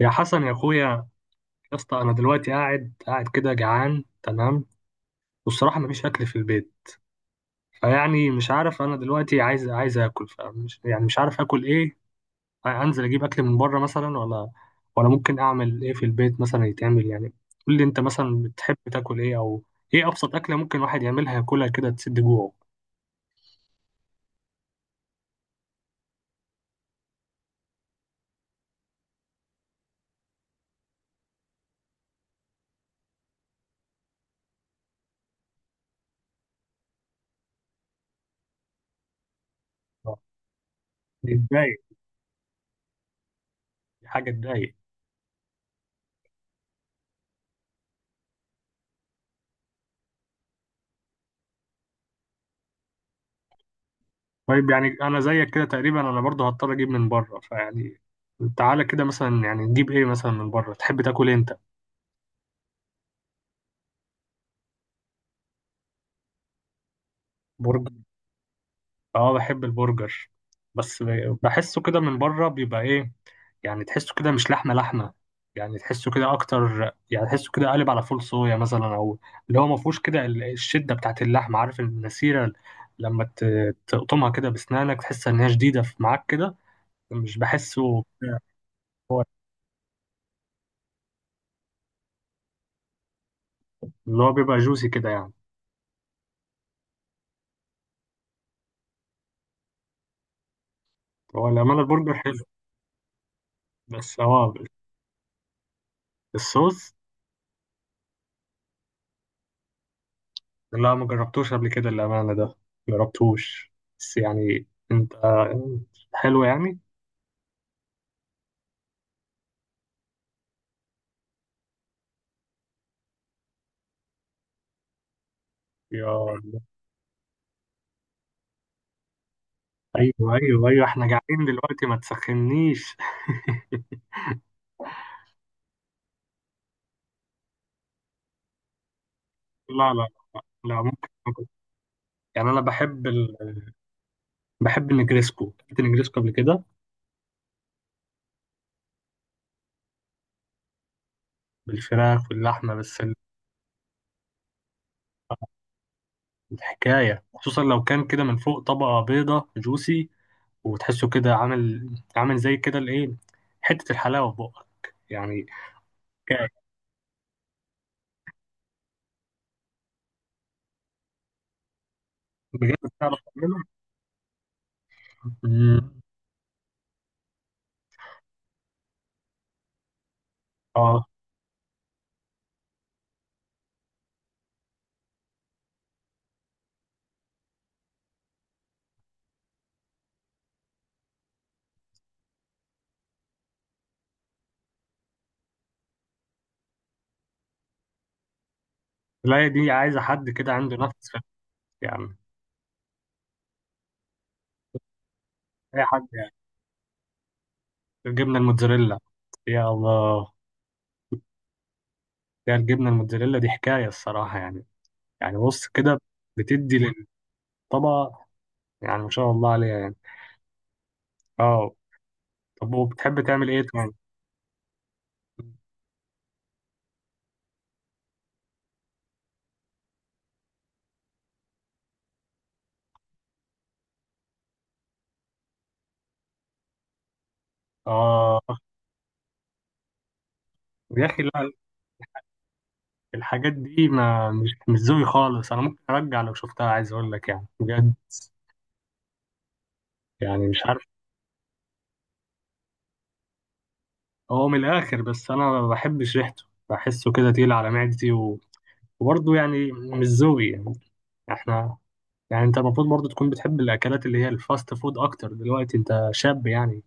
يا حسن يا اخويا، يا اسطى، انا دلوقتي قاعد كده جعان، تمام. والصراحه مفيش اكل في البيت، فيعني مش عارف انا دلوقتي عايز اكل، فمش يعني مش عارف اكل ايه. انزل اجيب اكل من بره مثلا ولا ممكن اعمل ايه في البيت مثلا يتعمل يعني. قول لي انت مثلا بتحب تاكل ايه، او ايه ابسط اكله ممكن واحد يعملها ياكلها كده تسد جوعه؟ آه،. يتضايق. حاجه تضايق. طيب يعني انا زيك كده تقريبا، انا برضه هضطر اجيب من بره، فيعني تعالى كده مثلا يعني نجيب ايه مثلا من بره، تحب تاكل ايه انت؟ برجر. اه بحب البرجر، بس بحسه كده من بره بيبقى ايه، يعني تحسه كده مش لحمه لحمه، يعني تحسه كده اكتر، يعني تحسه كده قالب على فول صويا مثلا، او اللي هو ما فيهوش كده الشده بتاعت اللحمه، عارف النسيره لما تقطمها كده بسنانك تحس ان هي شديده في معاك كده. مش بحسه. هو اللي هو بيبقى جوسي كده يعني. هو الامانه البرجر حلو، بس هو الصوص. لا ما جربتوش قبل كده الأمانة ده، ما جربتوش، بس يعني أنت، حلو يعني. يا الله. أيوه أيوه أيوه، إحنا قاعدين دلوقتي ما تسخنيش. لا لا، لا ممكن ممكن. يعني أنا بحب بحب النجريسكو، أكلت النجريسكو قبل كده، بالفراخ واللحمة، بس الحكاية خصوصا لو كان كده من فوق طبقة بيضة جوسي، وتحسه كده عامل زي كده الإيه، حتة الحلاوة في بقك يعني، حكاية. بجد بتعرف تعمله؟ اه. لا دي عايزة حد كده عنده نفس خفيف يعني، أي حد يعني. الجبنة الموتزاريلا، يا الله، يا الجبنة الموتزاريلا دي حكاية الصراحة يعني. يعني بص كده، بتدي للطبق يعني، ما شاء الله عليها يعني. اه. طب وبتحب تعمل ايه تاني؟ اه. يا اخي لا، الحاجات دي ما مش ذوقي خالص، انا ممكن ارجع لو شفتها، عايز اقول لك يعني بجد، يعني مش عارف. هو من الاخر، بس انا ما بحبش ريحته، بحسه كده تقيل على معدتي و... وبرضه يعني مش ذوقي يعني. احنا يعني انت المفروض برضو تكون بتحب الاكلات اللي هي الفاست فود اكتر دلوقتي، انت شاب يعني.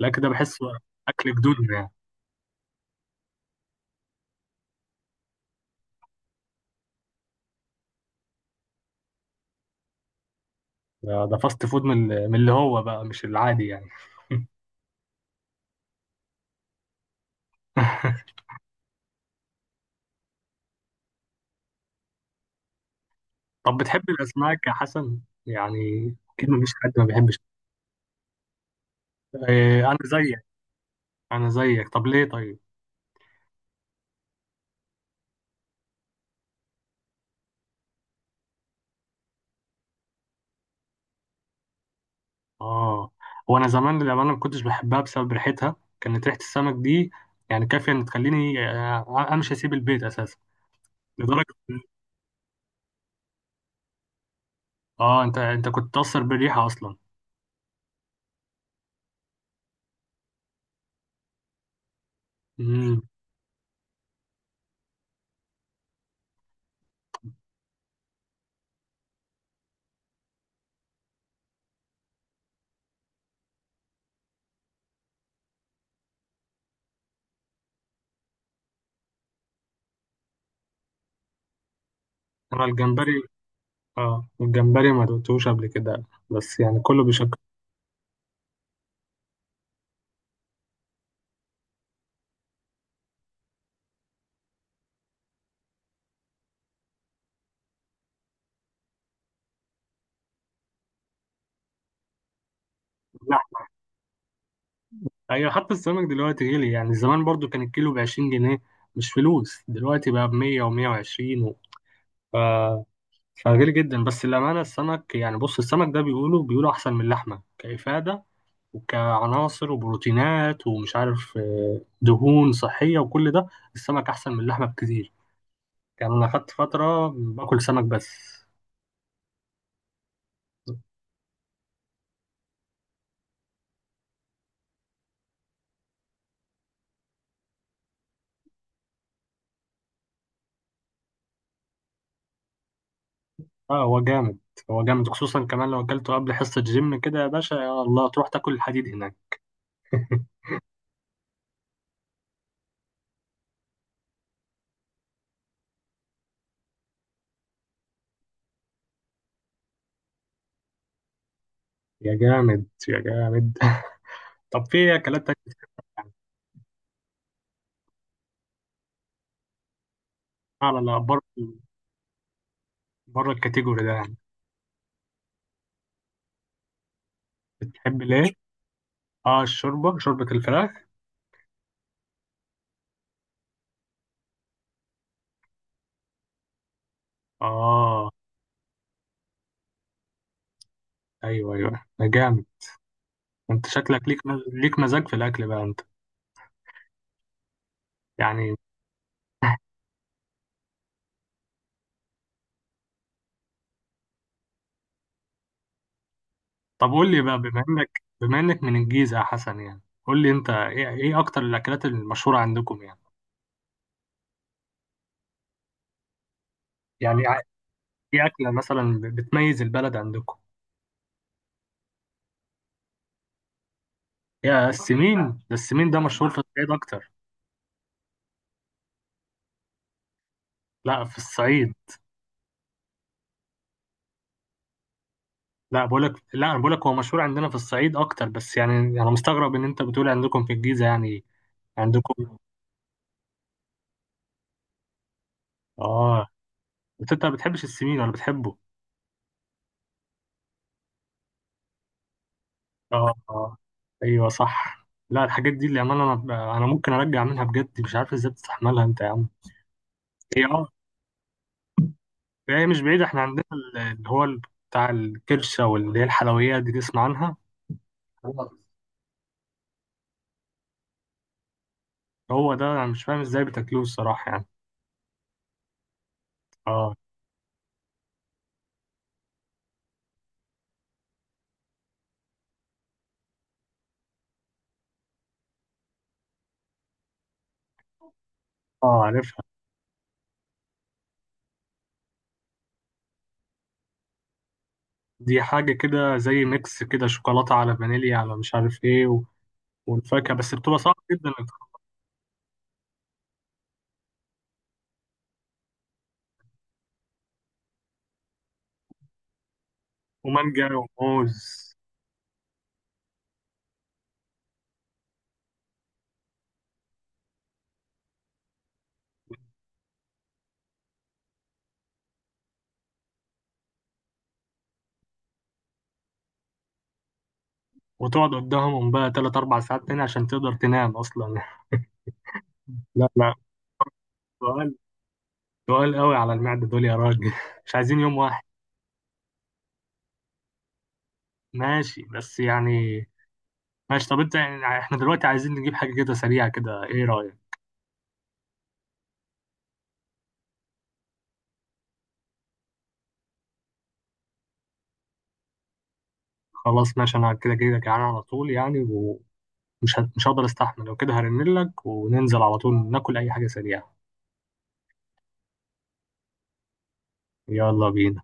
الاكل ده بحسه اكل جدودنا يعني. ده فاست فود، من اللي هو بقى مش العادي يعني. طب بتحب الاسماك يا حسن يعني؟ اكيد مفيش حد ما بيحبش. اه انا زيك. انا زيك، طب ليه طيب؟ اه. وانا زمان للامانه ما كنتش بحبها بسبب ريحتها، كانت ريحه السمك دي يعني كافيه ان تخليني امشي اسيب البيت اساسا، لدرجه. اه انت كنت تاثر بالريحه اصلا. مم. انا الجمبري، اه الجمبري ما دقتوش قبل كده، بس يعني كله بيشكر. لا. ايوه حتى السمك دلوقتي غلي يعني، زمان برضو كان الكيلو ب 20 جنيه، مش فلوس، دلوقتي بقى ب 100 و120 و... ف... فغالي جدا. بس الامانه السمك، يعني بص، السمك ده بيقولوا احسن من اللحمه كافاده وكعناصر وبروتينات ومش عارف دهون صحيه وكل ده. السمك احسن من اللحمه بكتير، يعني انا خدت فتره باكل سمك بس. اه هو جامد، هو جامد، خصوصا كمان لو اكلته قبل حصة جيم كده يا باشا، يا الله تروح تاكل الحديد هناك. يا جامد يا جامد. طب في اكلات تانية بتحبها؟ على بره الكاتيجوري ده يعني؟ بتحب ليه؟ اه الشوربة، شوربة الفراخ. اه. ايوه ايوه، ده جامد. انت شكلك ليك ليك مزاج في الاكل بقى انت يعني. طب قول لي بقى، بما انك من الجيزة يا حسن، يعني قول لي انت، ايه اكتر الاكلات المشهورة عندكم يعني؟ يعني ايه اكلة مثلا بتميز البلد عندكم؟ يا السمين، ده مشهور في الصعيد اكتر. لا في الصعيد، لا بقولك، لا انا بقولك هو مشهور عندنا في الصعيد اكتر، بس يعني انا مستغرب ان انت بتقول عندكم في الجيزة يعني. عندكم؟ اه. بس انت ما بتحبش السمين ولا بتحبه؟ اه اه، ايوه صح. لا الحاجات دي اللي انا ممكن ارجع منها بجد، مش عارف ازاي بتستحملها انت يا عم. هي اه، هي مش بعيدة، احنا عندنا اللي هو بتاع الكرشة واللي هي الحلويات دي، تسمع عنها؟ هو ده. انا مش فاهم ازاي بتاكلوه الصراحة يعني. اه اه عارف. دي حاجة كده زي ميكس كده، شوكولاتة على فانيليا على مش عارف ايه و... والفاكهة، بس بتبقى صعبة جدا. ومانجا وموز. وتقعد قدامهم بقى تلات أربع ساعات تاني عشان تقدر تنام أصلا. لا لا، سؤال سؤال قوي على المعدة دول يا راجل. مش عايزين يوم واحد. ماشي بس يعني، ماشي. طب انت يعني احنا دلوقتي عايزين نجيب حاجة كده سريعة كده، ايه رأيك؟ خلاص ماشي، انا كده كده جعان على طول يعني، ومش مش هقدر استحمل، لو كده هرنلك وننزل على طول ناكل اي حاجة سريعة. يلا بينا.